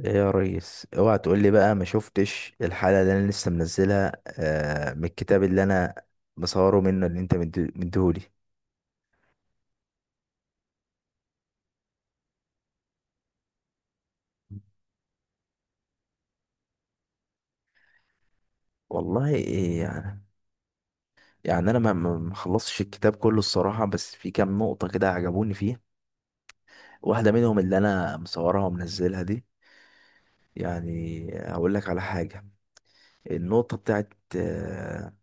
ايه يا ريس، اوعى تقول لي بقى ما شفتش الحلقه اللي انا لسه منزلها من الكتاب اللي انا مصوره منه اللي انت مديهولي. والله إيه يعني. يعني انا ما خلصتش الكتاب كله الصراحه، بس في كام نقطه كده عجبوني فيه. واحده منهم اللي انا مصورها ومنزلها دي. يعني هقول لك على حاجه. النقطه بتاعت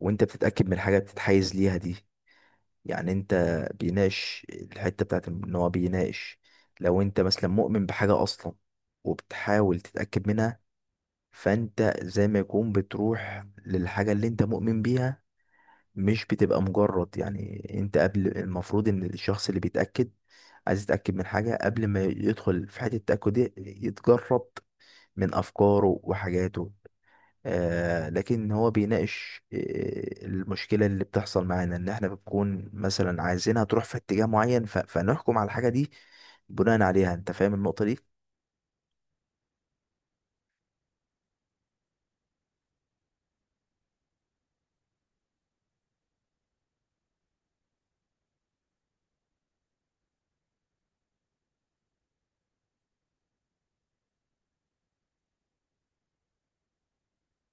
وانت بتتاكد من حاجه بتتحيز ليها دي. يعني انت بيناقش الحتة بتاعت ان هو بيناقش. لو انت مثلا مؤمن بحاجة اصلا وبتحاول تتأكد منها، فانت زي ما يكون بتروح للحاجة اللي انت مؤمن بيها، مش بتبقى مجرد. يعني انت قبل، المفروض ان الشخص اللي بيتأكد عايز يتأكد من حاجة قبل ما يدخل في حتة التأكد دي يتجرد من أفكاره وحاجاته. لكن هو بيناقش المشكلة اللي بتحصل معانا ان احنا بنكون مثلا عايزينها تروح في اتجاه معين، فنحكم على الحاجة دي بناء عليها. انت فاهم النقطة دي؟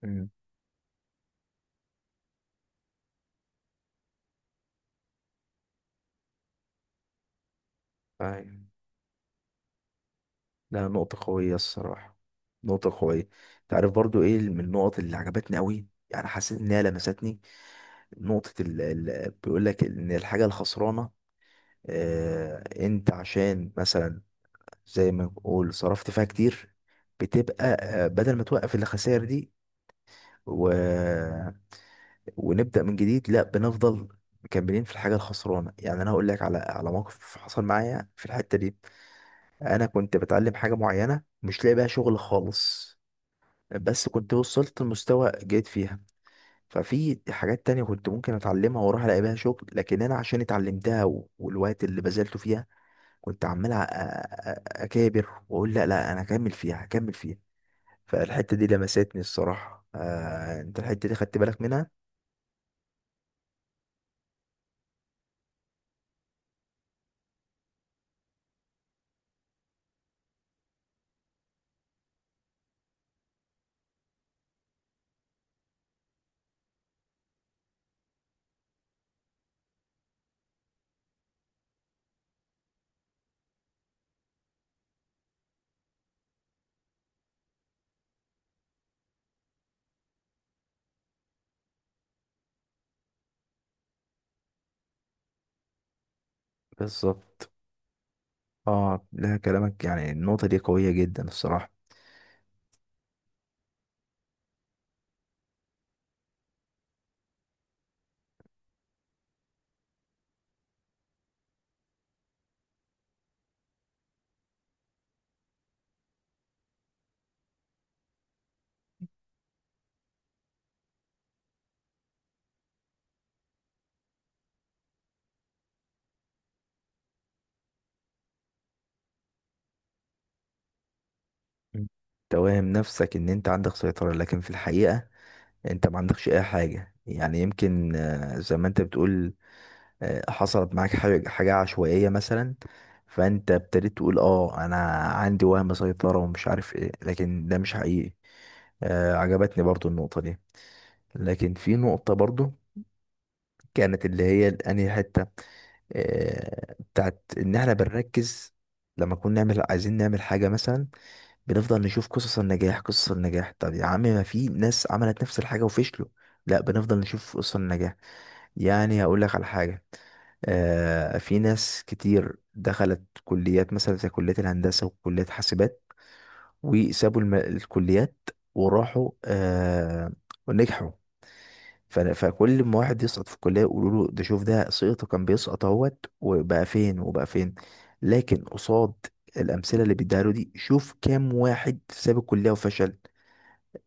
امم. فاهم. لا، نقطة قوية الصراحة. نقطة قوية. تعرف برضو ايه من النقط اللي عجبتني قوي؟ يعني حسيت انها لمستني. نقطة بيقول لك ان الحاجة الخسرانة، انت عشان مثلا زي ما بنقول صرفت فيها كتير، بتبقى بدل ما توقف الخسائر دي و... ونبدأ من جديد، لا بنفضل مكملين في الحاجة الخسرانة. يعني أنا هقول لك على موقف حصل معايا في الحتة دي. أنا كنت بتعلم حاجة معينة مش لاقي بيها شغل خالص، بس كنت وصلت لمستوى جيد فيها. ففي حاجات تانية كنت ممكن أتعلمها وأروح ألاقي بيها شغل، لكن أنا عشان اتعلمتها والوقت اللي بذلته فيها كنت عمال أكابر وأقول لا لا أنا هكمل فيها هكمل فيها. فالحتة دي لمستني الصراحة. أنت الحتة دي خدت بالك منها؟ بالظبط. اه، لا كلامك يعني النقطة دي قوية جدا الصراحة. مم. توهم نفسك ان انت عندك سيطرة، لكن في الحقيقة انت ما عندكش اي حاجة. يعني يمكن زي ما انت بتقول حصلت معاك حاجة عشوائية مثلا، فانت ابتديت تقول اه انا عندي وهم سيطرة ومش عارف ايه، لكن ده مش حقيقي. عجبتني برضو النقطة دي. لكن في نقطة برضو كانت اللي هي انهي حتة، بتاعت ان احنا بنركز، لما نكون نعمل عايزين نعمل حاجة مثلا، بنفضل نشوف قصص النجاح قصص النجاح. طب يا عم، ما في ناس عملت نفس الحاجة وفشلوا؟ لا، بنفضل نشوف قصص النجاح. يعني هقول لك على حاجة. في ناس كتير دخلت كليات مثلا زي كلية الهندسة وكلية حاسبات، وسابوا الكليات وراحوا ونجحوا. فكل ما واحد يسقط في الكلية يقولوا له: ده شوف ده سقطه، كان بيسقط اهوت وبقى فين وبقى فين. لكن قصاد الأمثلة اللي بيديها له دي، شوف كام واحد ساب الكلية وفشل.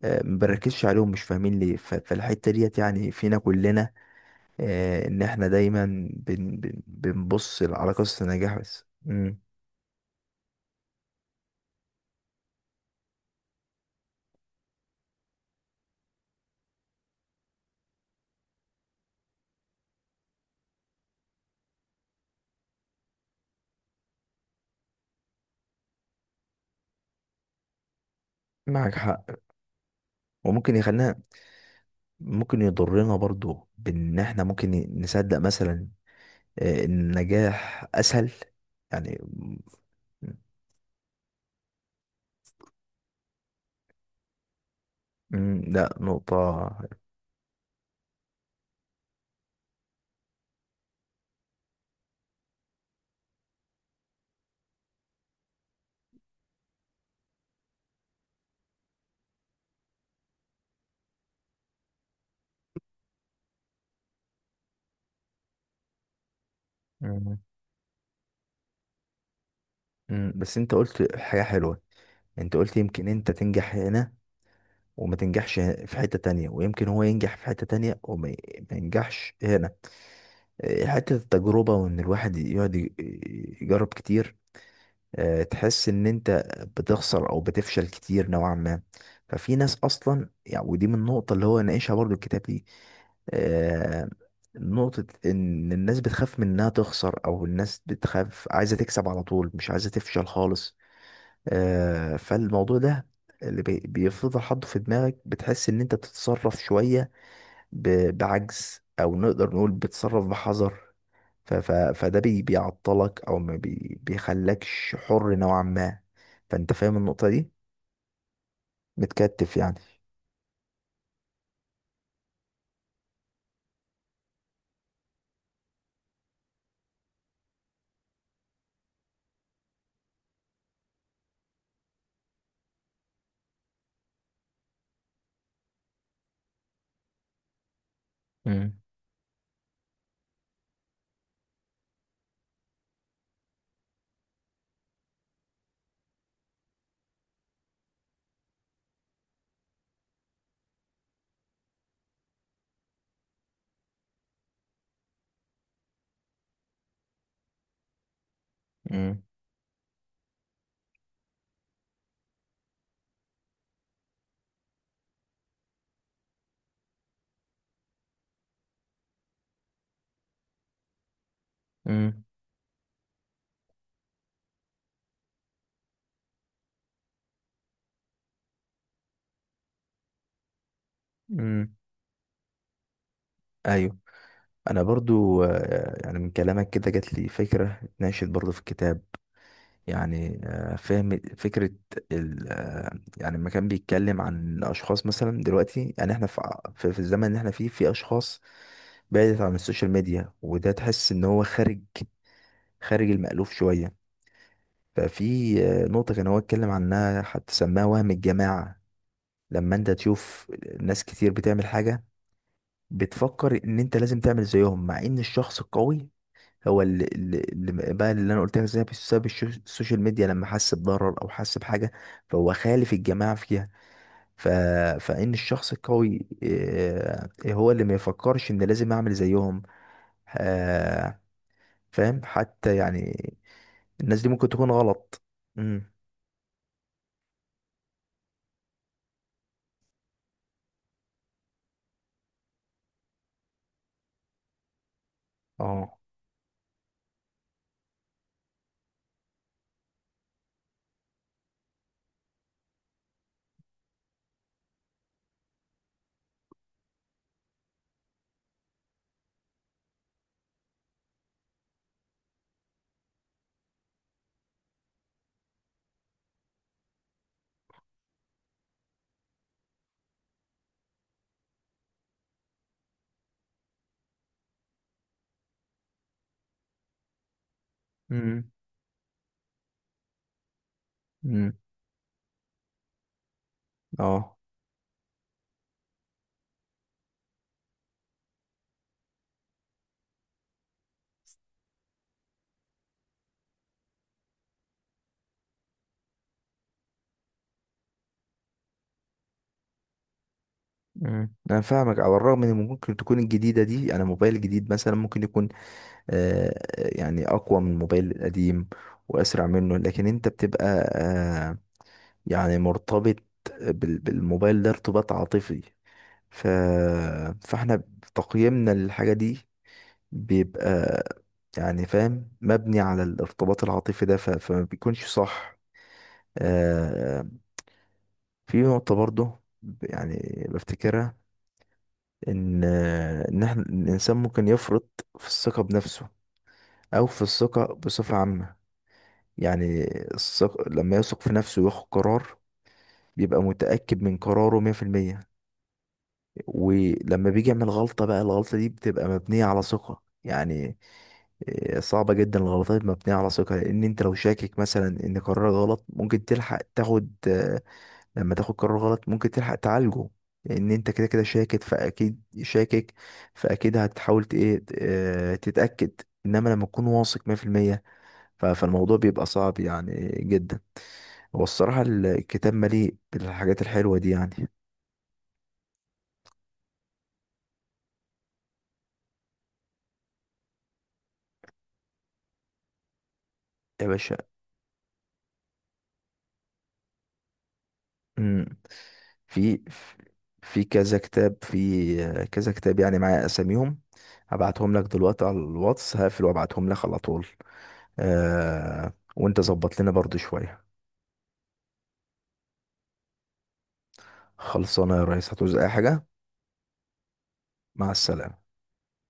ما بنركزش عليهم، مش فاهمين ليه. فالحتة ديت يعني فينا كلنا، إن إحنا دايما بن بن بنبص على قصة النجاح بس. مم. معك حق. وممكن يخلينا، ممكن يضرنا برضو بإن إحنا ممكن نصدق مثلا إن النجاح أسهل يعني. مم، لا نقطة. مم، مم، بس انت قلت حاجة حلوة. انت قلت يمكن انت تنجح هنا وما تنجحش في حتة تانية، ويمكن هو ينجح في حتة تانية وما ي- ما ينجحش هنا. إيه، حتة التجربة، وان الواحد يقعد يجرب كتير. تحس ان انت بتخسر او بتفشل كتير نوعا ما. ففي ناس اصلا، يعني ودي من النقطة اللي هو ناقشها برضو الكتاب دي، آه، نقطة ان الناس بتخاف من انها تخسر، او الناس بتخاف عايزة تكسب على طول، مش عايزة تفشل خالص. فالموضوع ده اللي بيفضل حاطه في دماغك، بتحس ان انت بتتصرف شوية بعجز، او نقدر نقول بتتصرف بحذر. فده بيعطلك او ما بيخلكش حر نوعا ما. فانت فاهم النقطة دي، متكتف يعني. امم. امم. امم. امم. ايوه. انا برضو يعني من كلامك كده جات لي فكرة اتناشد برضو في الكتاب، يعني فهم فكرة ال آه، يعني لما كان بيتكلم عن اشخاص مثلا. دلوقتي يعني احنا في الزمن اللي احنا فيه، في اشخاص بعدت عن السوشيال ميديا، وده تحس ان هو خارج، خارج المألوف شوية. ففي نقطة كان هو اتكلم عنها حتى سماها وهم الجماعة. لما انت تشوف ناس كتير بتعمل حاجة، بتفكر ان انت لازم تعمل زيهم، مع ان الشخص القوي هو اللي انا قلت لك، زي بسبب السوشيال ميديا لما حس بضرر او حس بحاجة، فهو خالف الجماعة فيها. ف... فان الشخص القوي هو اللي ما يفكرش ان لازم اعمل زيهم. آه، فاهم حتى يعني الناس دي ممكن تكون غلط. امم. اه. امم. اه. مم. انا فاهمك، على الرغم ان ممكن تكون الجديده دي، انا موبايل جديد مثلا ممكن يكون يعني اقوى من الموبايل القديم واسرع منه، لكن انت بتبقى آه يعني مرتبط بالموبايل ده ارتباط عاطفي. ف... فاحنا تقييمنا للحاجه دي بيبقى، يعني فاهم، مبني على الارتباط العاطفي ده، فما بيكونش صح. آه في نقطه برضه يعني بفتكرها، ان احنا الانسان ممكن يفرط في الثقه بنفسه او في الثقه بصفه عامه. يعني الثقه لما يثق في نفسه وياخد قرار بيبقى متاكد من قراره 100%. ولما بيجي يعمل غلطه، بقى الغلطه دي بتبقى مبنيه على ثقه. يعني إيه، صعبة جدا الغلطات مبنية على ثقة. لأن أنت لو شاكك مثلا إن قرارك غلط، ممكن تلحق تاخد لما تاخد قرار غلط ممكن تلحق تعالجه، لان انت كده كده شاكك، فاكيد شاكك، فاكيد هتحاول ت- ايه ت- آه، تتاكد. انما لما تكون واثق 100%، فالموضوع بيبقى صعب يعني جدا. هو الصراحه الكتاب مليء بالحاجات الحلوه دي يعني. يا باشا. مم. في في كذا كتاب، في آه، كذا كتاب يعني معايا اساميهم. هبعتهم لك دلوقتي على الواتس، هقفل وابعتهم لك على طول. وانت ظبط لنا برضو شويه. خلصانه يا ريس، هتعوز اي حاجه؟ مع السلامه.